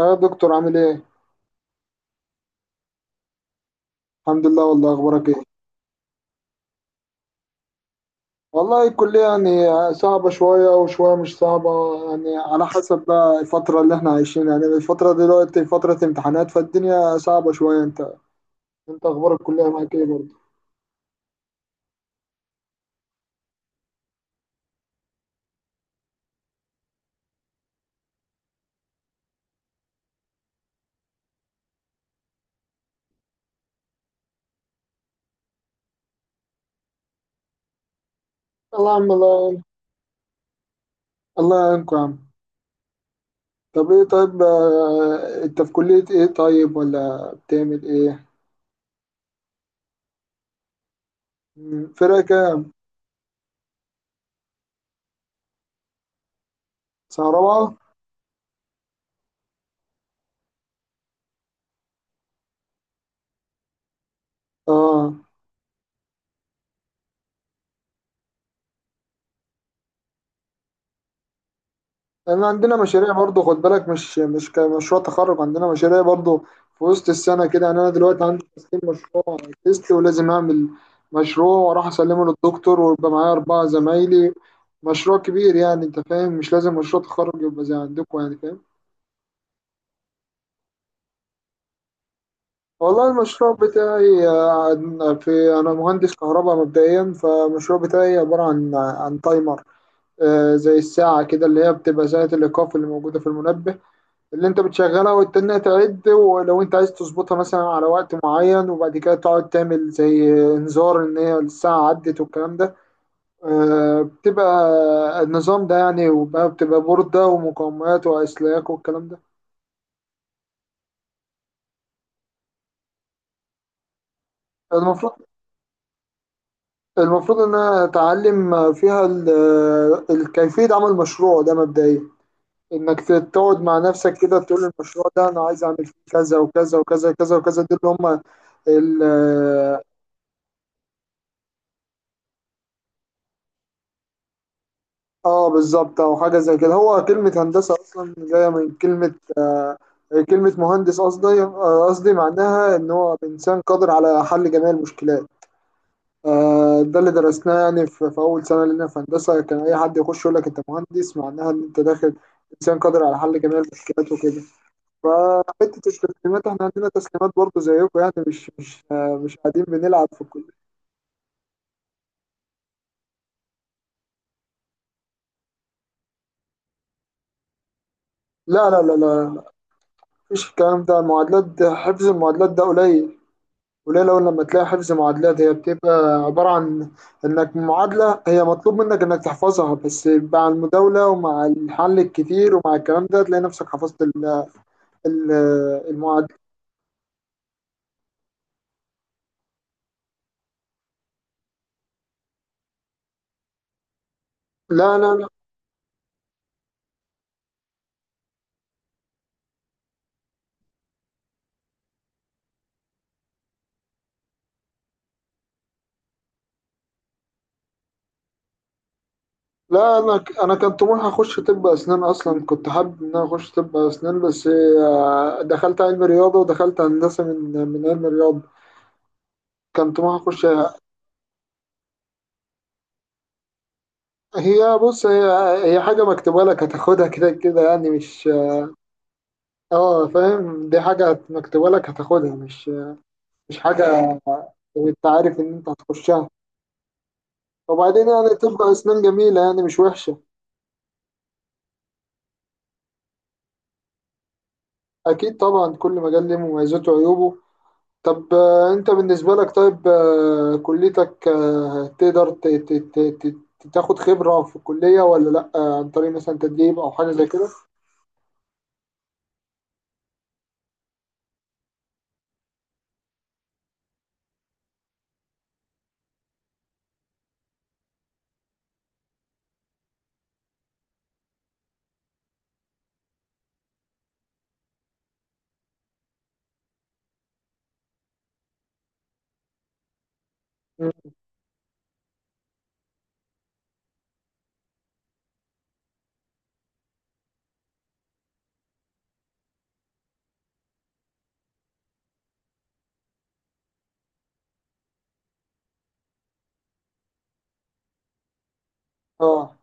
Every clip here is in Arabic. يا دكتور، عامل ايه؟ الحمد لله، والله اخبارك ايه؟ والله الكلية يعني صعبة شوية وشوية مش صعبة، يعني على حسب بقى الفترة اللي احنا عايشينها. يعني الفترة دلوقتي فترة امتحانات، فالدنيا صعبة شوية. انت اخبار الكلية معاك ايه برضه؟ الله يا عم، الله يعين. الله يعينكم يا عم. طب ايه طيب، انت في كلية ايه، طيب ولا بتعمل ايه؟ فرقة كام؟ سنة رابعة؟ اه. لان عندنا مشاريع برضو، خد بالك، مش كمشروع تخرج، عندنا مشاريع برضو في وسط السنه كده. يعني انا دلوقتي عندي تسليم مشروع تيست، ولازم اعمل مشروع واروح اسلمه للدكتور، ويبقى معايا اربعه زمايلي. مشروع كبير يعني، انت فاهم؟ مش لازم مشروع تخرج يبقى زي عندكم، يعني فاهم. والله المشروع بتاعي آه، في انا مهندس كهرباء مبدئيا، فالمشروع بتاعي عباره عن تايمر. زي الساعه كده، اللي هي بتبقى ساعه الايقاف اللي موجوده في المنبه، اللي انت بتشغلها وتستناها تعد، ولو انت عايز تظبطها مثلا على وقت معين وبعد كده تقعد تعمل زي انذار ان هي الساعة عدت والكلام ده. آه، بتبقى النظام ده يعني، وبقى بتبقى بوردة ومقاومات وأسلاك والكلام ده. المفروض المفروض ان انا اتعلم فيها كيفية عمل مشروع ده مبدئيا، انك تقعد مع نفسك كده تقول المشروع ده انا عايز اعمل فيه كذا وكذا وكذا وكذا وكذا، دول اللي هم. اه بالظبط، او حاجه زي كده. هو كلمه هندسه اصلا جايه من كلمه مهندس، قصدي قصدي معناها ان هو انسان قادر على حل جميع المشكلات. آه، ده اللي درسناه يعني في، اول سنه لنا في هندسه، كان اي حد يخش يقول لك انت مهندس معناها ان انت داخل انسان قادر على حل جميع المشكلات وكده. فحته التسليمات احنا عندنا تسليمات برضه زيكم، يعني مش قاعدين بنلعب في الكليه. لا لا لا لا، مفيش الكلام ده. المعادلات، حفظ المعادلات ده قليل، وليه؟ لو لما تلاقي حفظ معادلات، هي بتبقى عبارة عن إنك معادلة هي مطلوب منك إنك تحفظها، بس مع المداولة ومع الحل الكتير ومع الكلام ده تلاقي نفسك حفظت ال- المعادلة. لا لا لا لا. أنا كان طموحي أخش طب أسنان أصلا، كنت حابب إن أنا أخش طب أسنان، بس دخلت علم رياضة، ودخلت هندسة من علم رياضة. كان طموحي أخش. هي بص هي هي حاجة مكتوبة لك، هتاخدها كده كده يعني، مش اه فاهم؟ دي حاجة مكتوبة لك هتاخدها، مش مش حاجة انت عارف ان انت هتخشها. وبعدين يعني تبقى اسنان جميلة يعني، مش وحشة. اكيد طبعا، كل مجال ليه مميزاته وعيوبه. طب انت بالنسبة لك طيب، كليتك آه، تقدر ت- ت- ت- ت- تاخد خبرة في الكلية ولا لأ، عن طريق مثلا تدريب او حاجة زي كده؟ مم. اه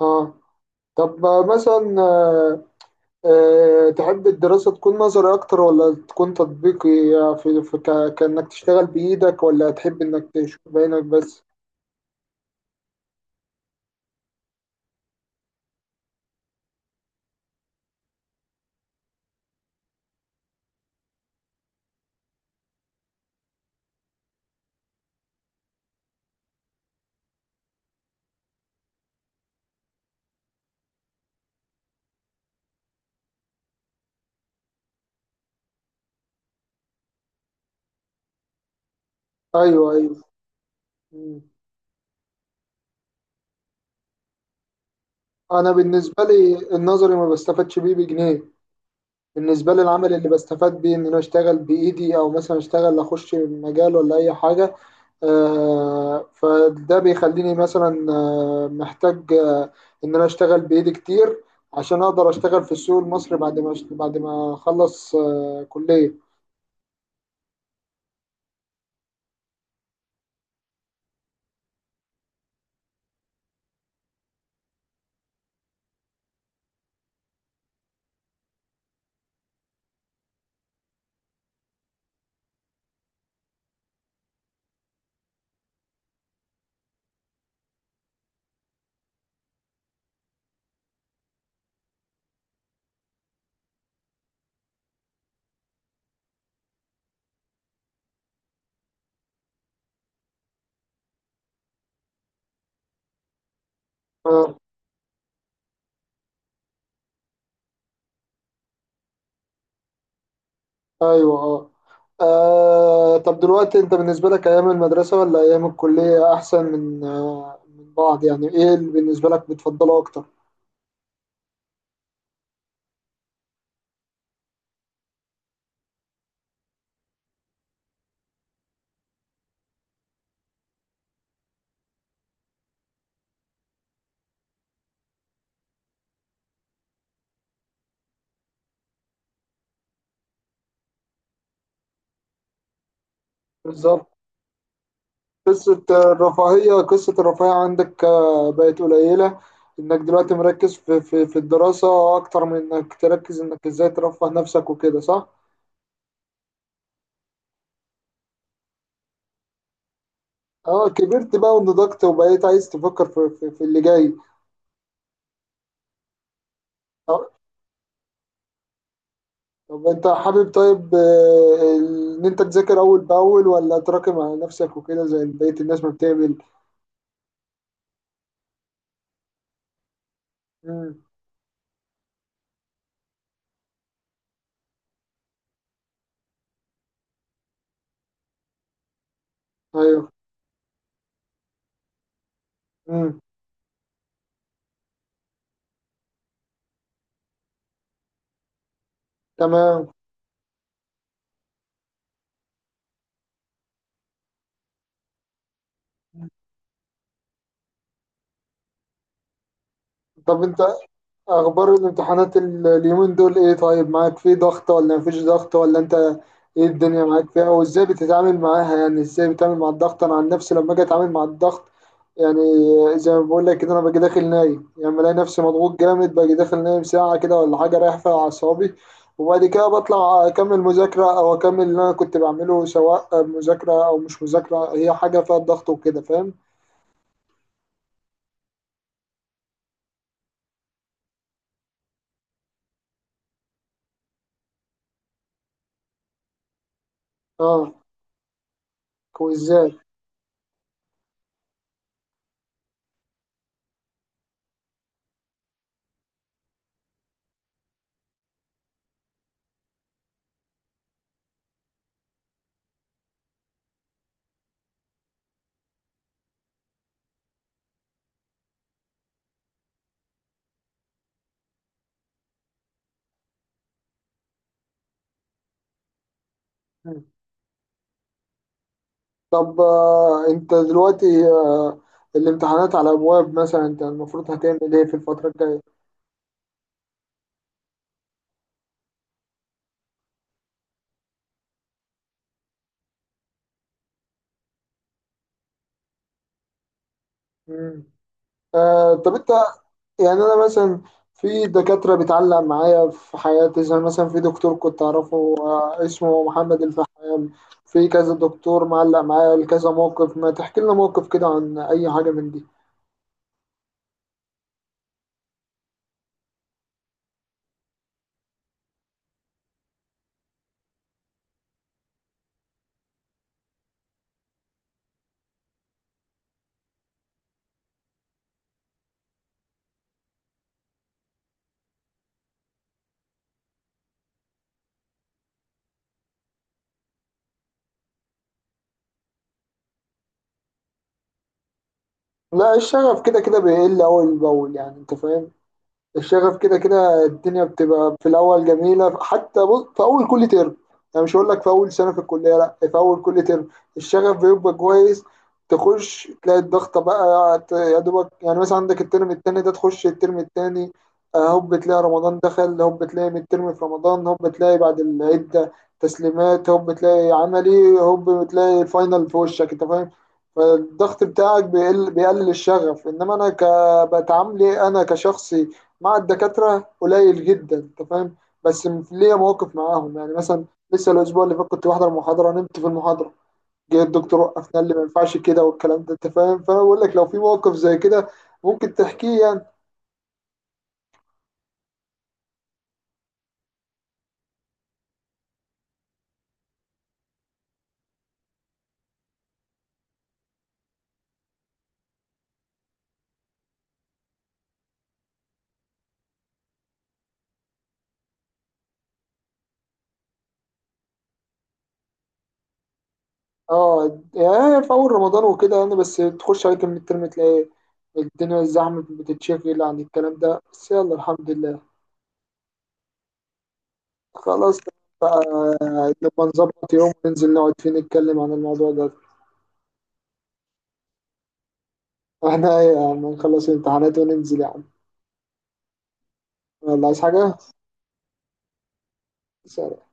اه، طب آه، مثلا آه، أه تحب الدراسة تكون نظري أكتر ولا تكون تطبيقي؟ يعني في، كأنك تشتغل بإيدك، ولا تحب إنك تشوف بعينك بس؟ أيوه أيوه. مم. أنا بالنسبة لي النظري ما بستفادش بيه بجنيه، بالنسبة لي العمل اللي بستفاد بيه إن أنا أشتغل بإيدي، أو مثلا أشتغل أخش مجال ولا أي حاجة. فده بيخليني مثلا محتاج ان انا اشتغل بايدي كتير، عشان اقدر اشتغل في السوق المصري بعد ما بعد ما اخلص كلية. اه ايوه اه. طب دلوقتي انت بالنسبة لك، ايام المدرسة ولا ايام الكلية احسن من من بعض؟ يعني ايه اللي بالنسبة لك بتفضله اكتر؟ بالظبط. قصة الرفاهية، قصة الرفاهية عندك بقت قليلة، انك دلوقتي مركز في في الدراسة اكتر من انك تركز انك ازاي ترفه نفسك وكده، صح؟ اه كبرت بقى ونضجت، وبقيت عايز تفكر في في، في اللي جاي. آه، طب انت حابب طيب، ان انت تذاكر اول باول ولا تراكم على نفسك وكده زي بقية الناس ما بتعمل؟ امم ايوه امم تمام. طب انت أخبار الامتحانات اليومين دول إيه طيب؟ معاك في ضغط ولا مفيش ضغط، ولا أنت إيه الدنيا معاك فيها؟ وإزاي بتتعامل معاها؟ يعني إزاي بتتعامل مع الضغط؟ أنا عن نفسي لما أجي أتعامل مع الضغط، يعني زي ما بقول لك كده، أنا باجي داخل نايم. يعني بلاقي نفسي مضغوط جامد، باجي داخل نايم ساعة كده ولا حاجة، رايح فيها أعصابي، وبعد كده بطلع أكمل مذاكرة أو أكمل اللي أنا كنت بعمله، سواء مذاكرة أو مش مذاكرة، هي حاجة فيها ضغط وكده، فاهم؟ آه، كويزات. طب آه، انت دلوقتي آه، الامتحانات على ابواب مثلا، انت المفروض هتعمل ايه في الفترة الجاية؟ مم. آه طب انت، يعني انا مثلا في دكاترة بتعلق معايا في حياتي، زي مثلا في دكتور كنت اعرفه آه اسمه محمد الفحام، في كذا دكتور معلق معايا لكذا موقف. ما تحكي لنا موقف كده عن اي حاجة من دي. لا، الشغف كده كده بيقل اول باول، يعني انت فاهم. الشغف كده كده الدنيا بتبقى في الاول جميله، حتى بص، في اول كل ترم، انا مش هقول لك في اول سنه في الكليه، لا، في اول كل ترم الشغف بيبقى كويس. تخش تلاقي الضغطه بقى يا دوبك، يعني مثلا عندك الترم التاني ده، تخش الترم التاني، هوب تلاقي رمضان دخل، هوب تلاقي من الترم في رمضان، هوب تلاقي بعد العده تسليمات، هوب تلاقي عملي، هوب تلاقي الفاينل في وشك، انت فاهم؟ فالضغط بتاعك بيقل، بيقلل الشغف. انما انا ك بتعاملي انا كشخصي مع الدكاترة قليل جدا، أنت فاهم. بس ليا مواقف معاهم، يعني مثلا لسه الأسبوع اللي فات كنت بحضر محاضرة، نمت في المحاضرة، جه الدكتور وقفنا، قال لي ما ينفعش كده والكلام ده، أنت فاهم؟ فأنا بقول لك لو في موقف زي كده ممكن تحكيه يعني. أه، يعني في أول رمضان وكده يعني، بس تخش عليك من الترم تلاقي الدنيا الزحمة بتتشغل عن الكلام ده، بس يلا الحمد لله. خلاص بقى، نبقى نظبط يوم وننزل نقعد فيه نتكلم عن الموضوع ده. احنا ايه يا عم، نخلص الامتحانات وننزل يا عم. يلا، عايز حاجة؟ سلام.